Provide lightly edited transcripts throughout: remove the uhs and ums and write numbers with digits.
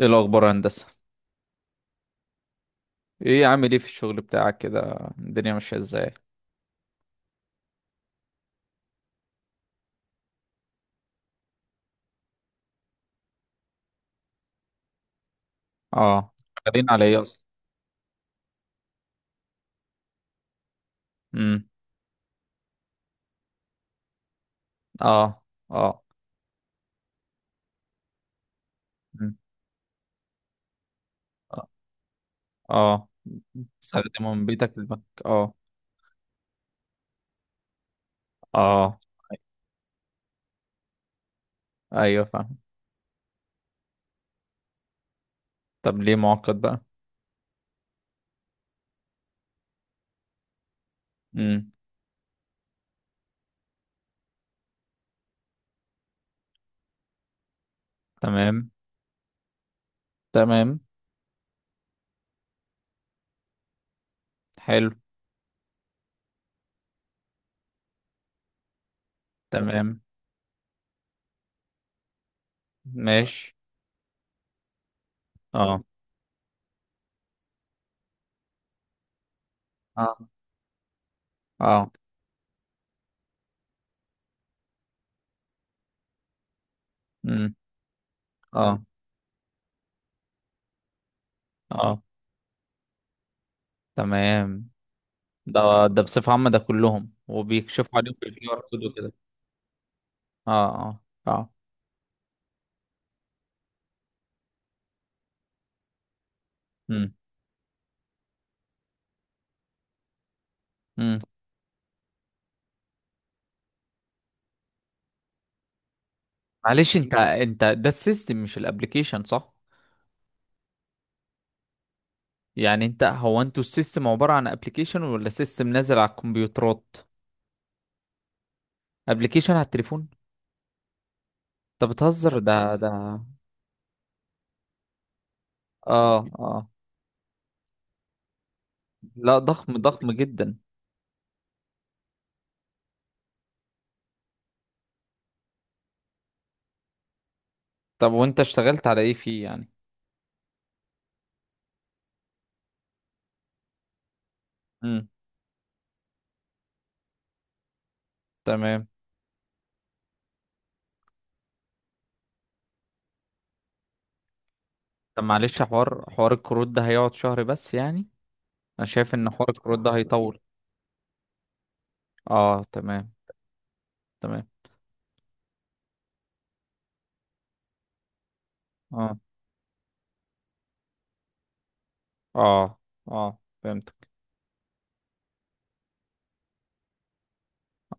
ايه الاخبار يا هندسه؟ ايه عامل ايه في الشغل بتاعك كده؟ الدنيا ماشيه ازاي؟ اه، شغالين على ايه اصلا؟ امم اه. اه. مم. اه، تستخدمه من بيتك للبنك. اه. اه، ايوه فاهم. طب ليه معقد بقى؟ امم تمام. تمام. حلو. تمام. ماشي. اه. اه. اه. امم اه. اه. تمام. ده ده بصفه عامه ده كلهم وبيكشفوا عليهم في البي ار كود وكده. اه. اه. اه. امم معلش انت، ده السيستم مش الابليكيشن، صح؟ يعني انت هو انتوا السيستم عبارة عن ابليكيشن ولا سيستم نازل على الكمبيوترات؟ ابليكيشن على التليفون؟ انت بتهزر. ده اه. اه. لا ضخم، ضخم جدا. طب وانت اشتغلت على ايه فيه يعني؟ امم تمام. طب معلش حوار، الكروت ده هيقعد شهر بس يعني؟ انا شايف ان حوار الكروت ده هيطول. اه تمام. تمام. اه. اه. اه فهمتك.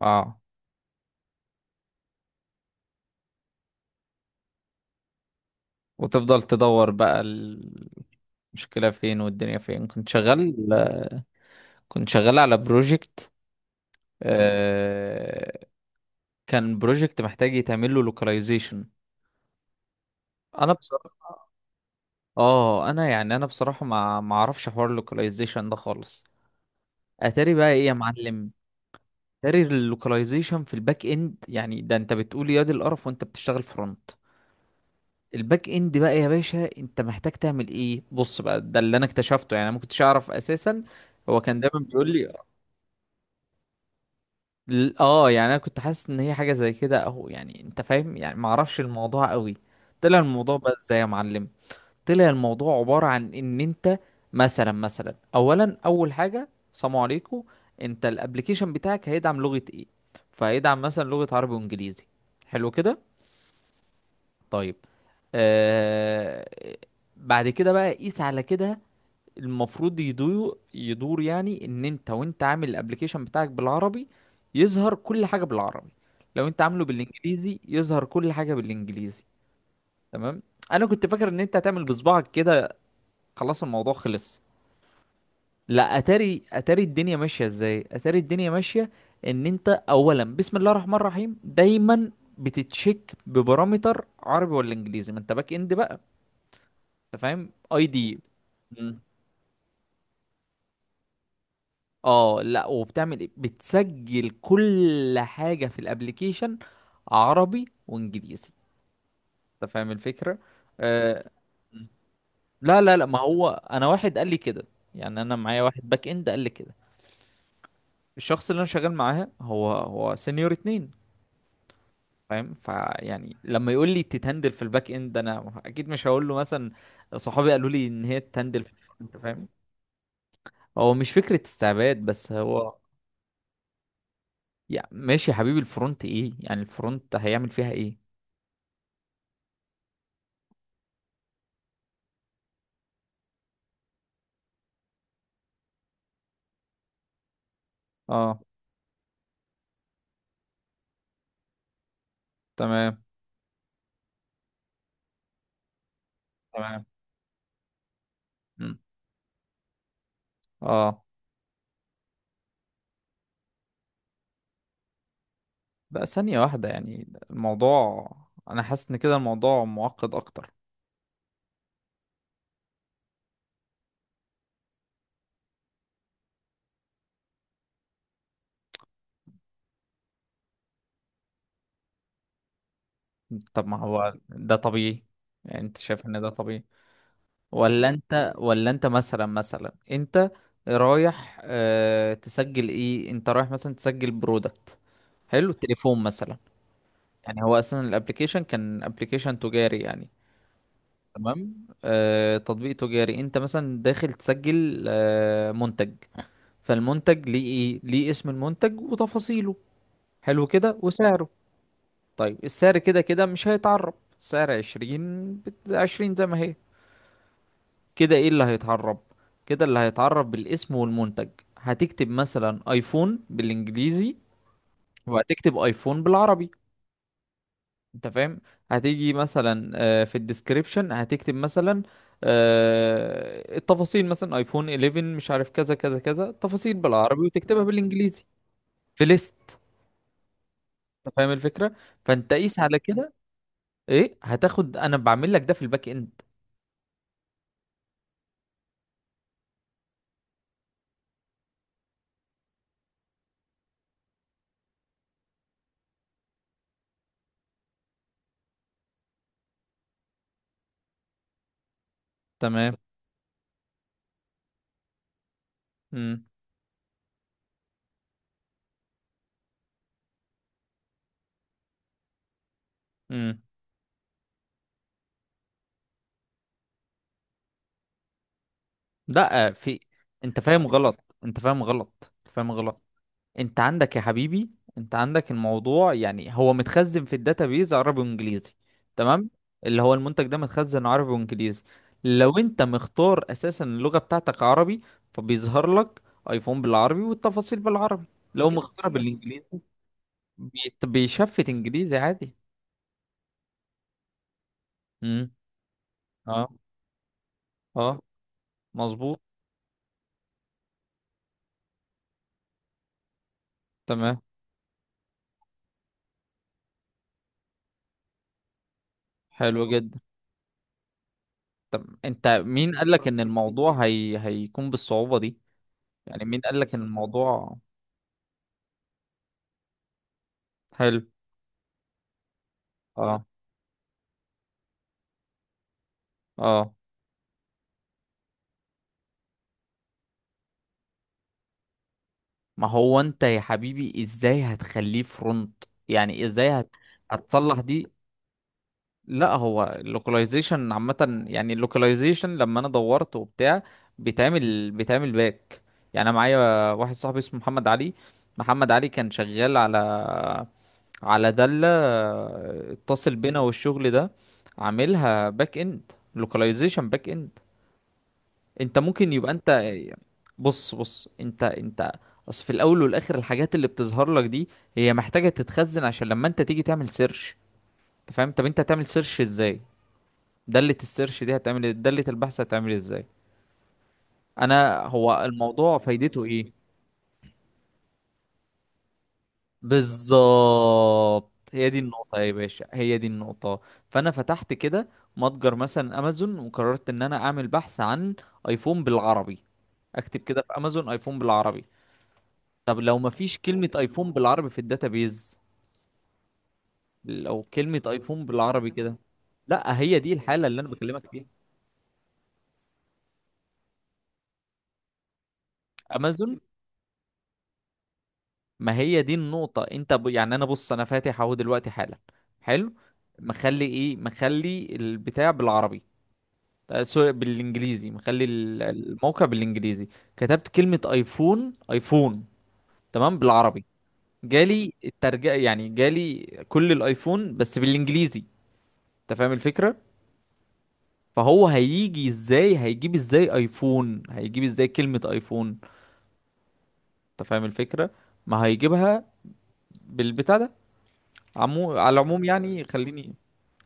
اه، وتفضل تدور بقى. المشكلة فين والدنيا فين؟ كنت شغال، كنت شغال على بروجكت، كان بروجكت محتاج يتعمل له لوكاليزيشن. انا بصراحة، اه انا يعني انا بصراحة ما اعرفش حوار اللوكاليزيشن ده خالص. اتاري بقى ايه يا معلم؟ اتاري اللوكاليزيشن في الباك اند يعني؟ ده انت بتقول يا دي القرف وانت بتشتغل فرونت. الباك اند بقى يا باشا انت محتاج تعمل ايه، بص بقى ده اللي انا اكتشفته، يعني انا ما كنتش اعرف اساسا. هو كان دايما بيقول لي، يعني انا كنت حاسس ان هي حاجه زي كده اهو، يعني انت فاهم، يعني ما اعرفش الموضوع قوي. طلع الموضوع بقى ازاي يا معلم؟ طلع الموضوع عباره عن ان انت، مثلا اولا، اول حاجه سلام عليكم، انت الابليكيشن بتاعك هيدعم لغه ايه؟ فهيدعم مثلا لغه عربي وانجليزي، حلو كده. طيب. آه، بعد كده بقى قيس على كده، المفروض يدور يعني ان انت، وانت عامل الابليكيشن بتاعك بالعربي، يظهر كل حاجه بالعربي. لو انت عامله بالانجليزي يظهر كل حاجه بالانجليزي. تمام. انا كنت فاكر ان انت هتعمل بصبعك كده، خلاص الموضوع خلص. لا، اتاري الدنيا ماشيه ازاي، اتاري الدنيا ماشيه ان انت اولا، بسم الله الرحمن الرحيم دايما، بتتشيك ببارامتر عربي ولا انجليزي، ما انت باك اند بقى. انت فاهم اي دي. اه، لا وبتعمل ايه، بتسجل كل حاجة في الابليكيشن عربي وانجليزي. انت فاهم الفكرة؟ آه. لا، ما هو انا واحد قال لي كده، يعني انا معايا واحد باك اند قال لي كده. الشخص اللي انا شغال معاه هو سينيور اتنين، فاهم؟ فيعني لما يقول لي تتهندل في الباك اند، انا اكيد مش هقول له مثلا صحابي قالوا لي ان هي تتهندل في الفرونت، فاهم؟ هو مش فكرة استعباد بس هو، يعني ماشي يا حبيبي، الفرونت ايه يعني، الفرونت هيعمل فيها ايه؟ اه. تمام. تمام. مم. اه. بقى ثانية واحدة، يعني الموضوع، انا حاسس ان كده الموضوع معقد اكتر. طب ما هو ده طبيعي، يعني انت شايف ان ده طبيعي؟ ولا انت، مثلا، انت رايح، اه تسجل ايه، انت رايح مثلا تسجل برودكت، حلو تليفون مثلا. يعني هو اصلا الابليكيشن كان ابليكيشن تجاري يعني. تمام، آه تطبيق تجاري، انت مثلا داخل تسجل آه منتج، فالمنتج ليه ايه، ليه اسم المنتج وتفاصيله، حلو كده، وسعره. طيب السعر كده كده مش هيتعرب، سعر عشرين عشرين زي ما هي كده. ايه اللي هيتعرب كده؟ اللي هيتعرب بالاسم والمنتج، هتكتب مثلا ايفون بالانجليزي وهتكتب ايفون بالعربي، انت فاهم؟ هتيجي مثلا آه، في الديسكريبشن هتكتب مثلا آه، التفاصيل مثلا ايفون 11، مش عارف كذا كذا كذا تفاصيل بالعربي وتكتبها بالانجليزي في ليست، انت فاهم الفكره؟ فانت قيس على كده. ايه هتاخد، انا بعمل لك ده في الباك اند. تمام. امم امم لا، في، انت فاهم غلط، انت فاهم غلط. انت عندك يا حبيبي، انت عندك الموضوع، يعني هو متخزن في الداتابيز عربي وانجليزي، تمام؟ اللي هو المنتج ده متخزن عربي وانجليزي. لو انت مختار اساسا اللغه بتاعتك عربي، فبيظهر لك ايفون بالعربي والتفاصيل بالعربي. لو مختارها بالانجليزي، بيشفت انجليزي عادي. اه. اه، مظبوط. تمام. حلو جدا. طب انت مين قال لك ان الموضوع هيكون بالصعوبة دي، يعني مين قال لك ان الموضوع؟ حلو. اه. اه، ما هو انت يا حبيبي ازاي هتخليه فرونت، يعني ازاي هت... هتصلح دي؟ لا هو اللوكاليزيشن عامة، يعني اللوكاليزيشن لما انا دورت وبتاع، بيتعمل باك. يعني انا معايا واحد صاحبي اسمه محمد علي، محمد علي كان شغال على، على دالة آه، اتصل بينا والشغل ده، عاملها باك اند، لوكاليزيشن باك اند. انت ممكن يبقى انت، بص انت، اصل في الاول والاخر الحاجات اللي بتظهر لك دي هي محتاجة تتخزن عشان لما انت تيجي تعمل سيرش، انت فاهم؟ طب انت هتعمل سيرش ازاي؟ دالة السيرش دي هتعمل إيه؟ دالة البحث هتعمل إيه، ازاي؟ انا هو الموضوع فايدته ايه؟ بالظبط، هي دي النقطة يا باشا، هي دي النقطة. فأنا فتحت كده متجر مثلا أمازون، وقررت إن أنا أعمل بحث عن أيفون بالعربي، أكتب كده في أمازون أيفون بالعربي. طب لو مفيش كلمة أيفون بالعربي في الداتابيز، لو كلمة أيفون بالعربي كده. لا هي دي الحالة اللي أنا بكلمك فيها، أمازون. ما هي دي النقطة، أنت ب... يعني أنا بص، أنا فاتح أهو دلوقتي حالا، حلو، مخلي إيه، مخلي البتاع بالعربي، آه، سوري بالانجليزي، مخلي الموقع بالانجليزي، كتبت كلمة ايفون، تمام، بالعربي، جالي الترجمة يعني جالي كل الايفون بس بالانجليزي، انت فاهم الفكرة؟ فهو هيجي ازاي، هيجيب ازاي ايفون، هيجيب ازاي كلمة ايفون؟ انت فاهم الفكرة؟ ما هيجيبها بالبتاع ده. على العموم يعني خليني،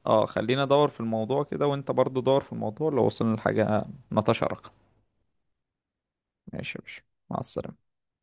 اه خلينا ادور في الموضوع كده وانت برضو دور في الموضوع، لو وصلنا لحاجة نتشارك. ماشي يا باشا، مع السلامة.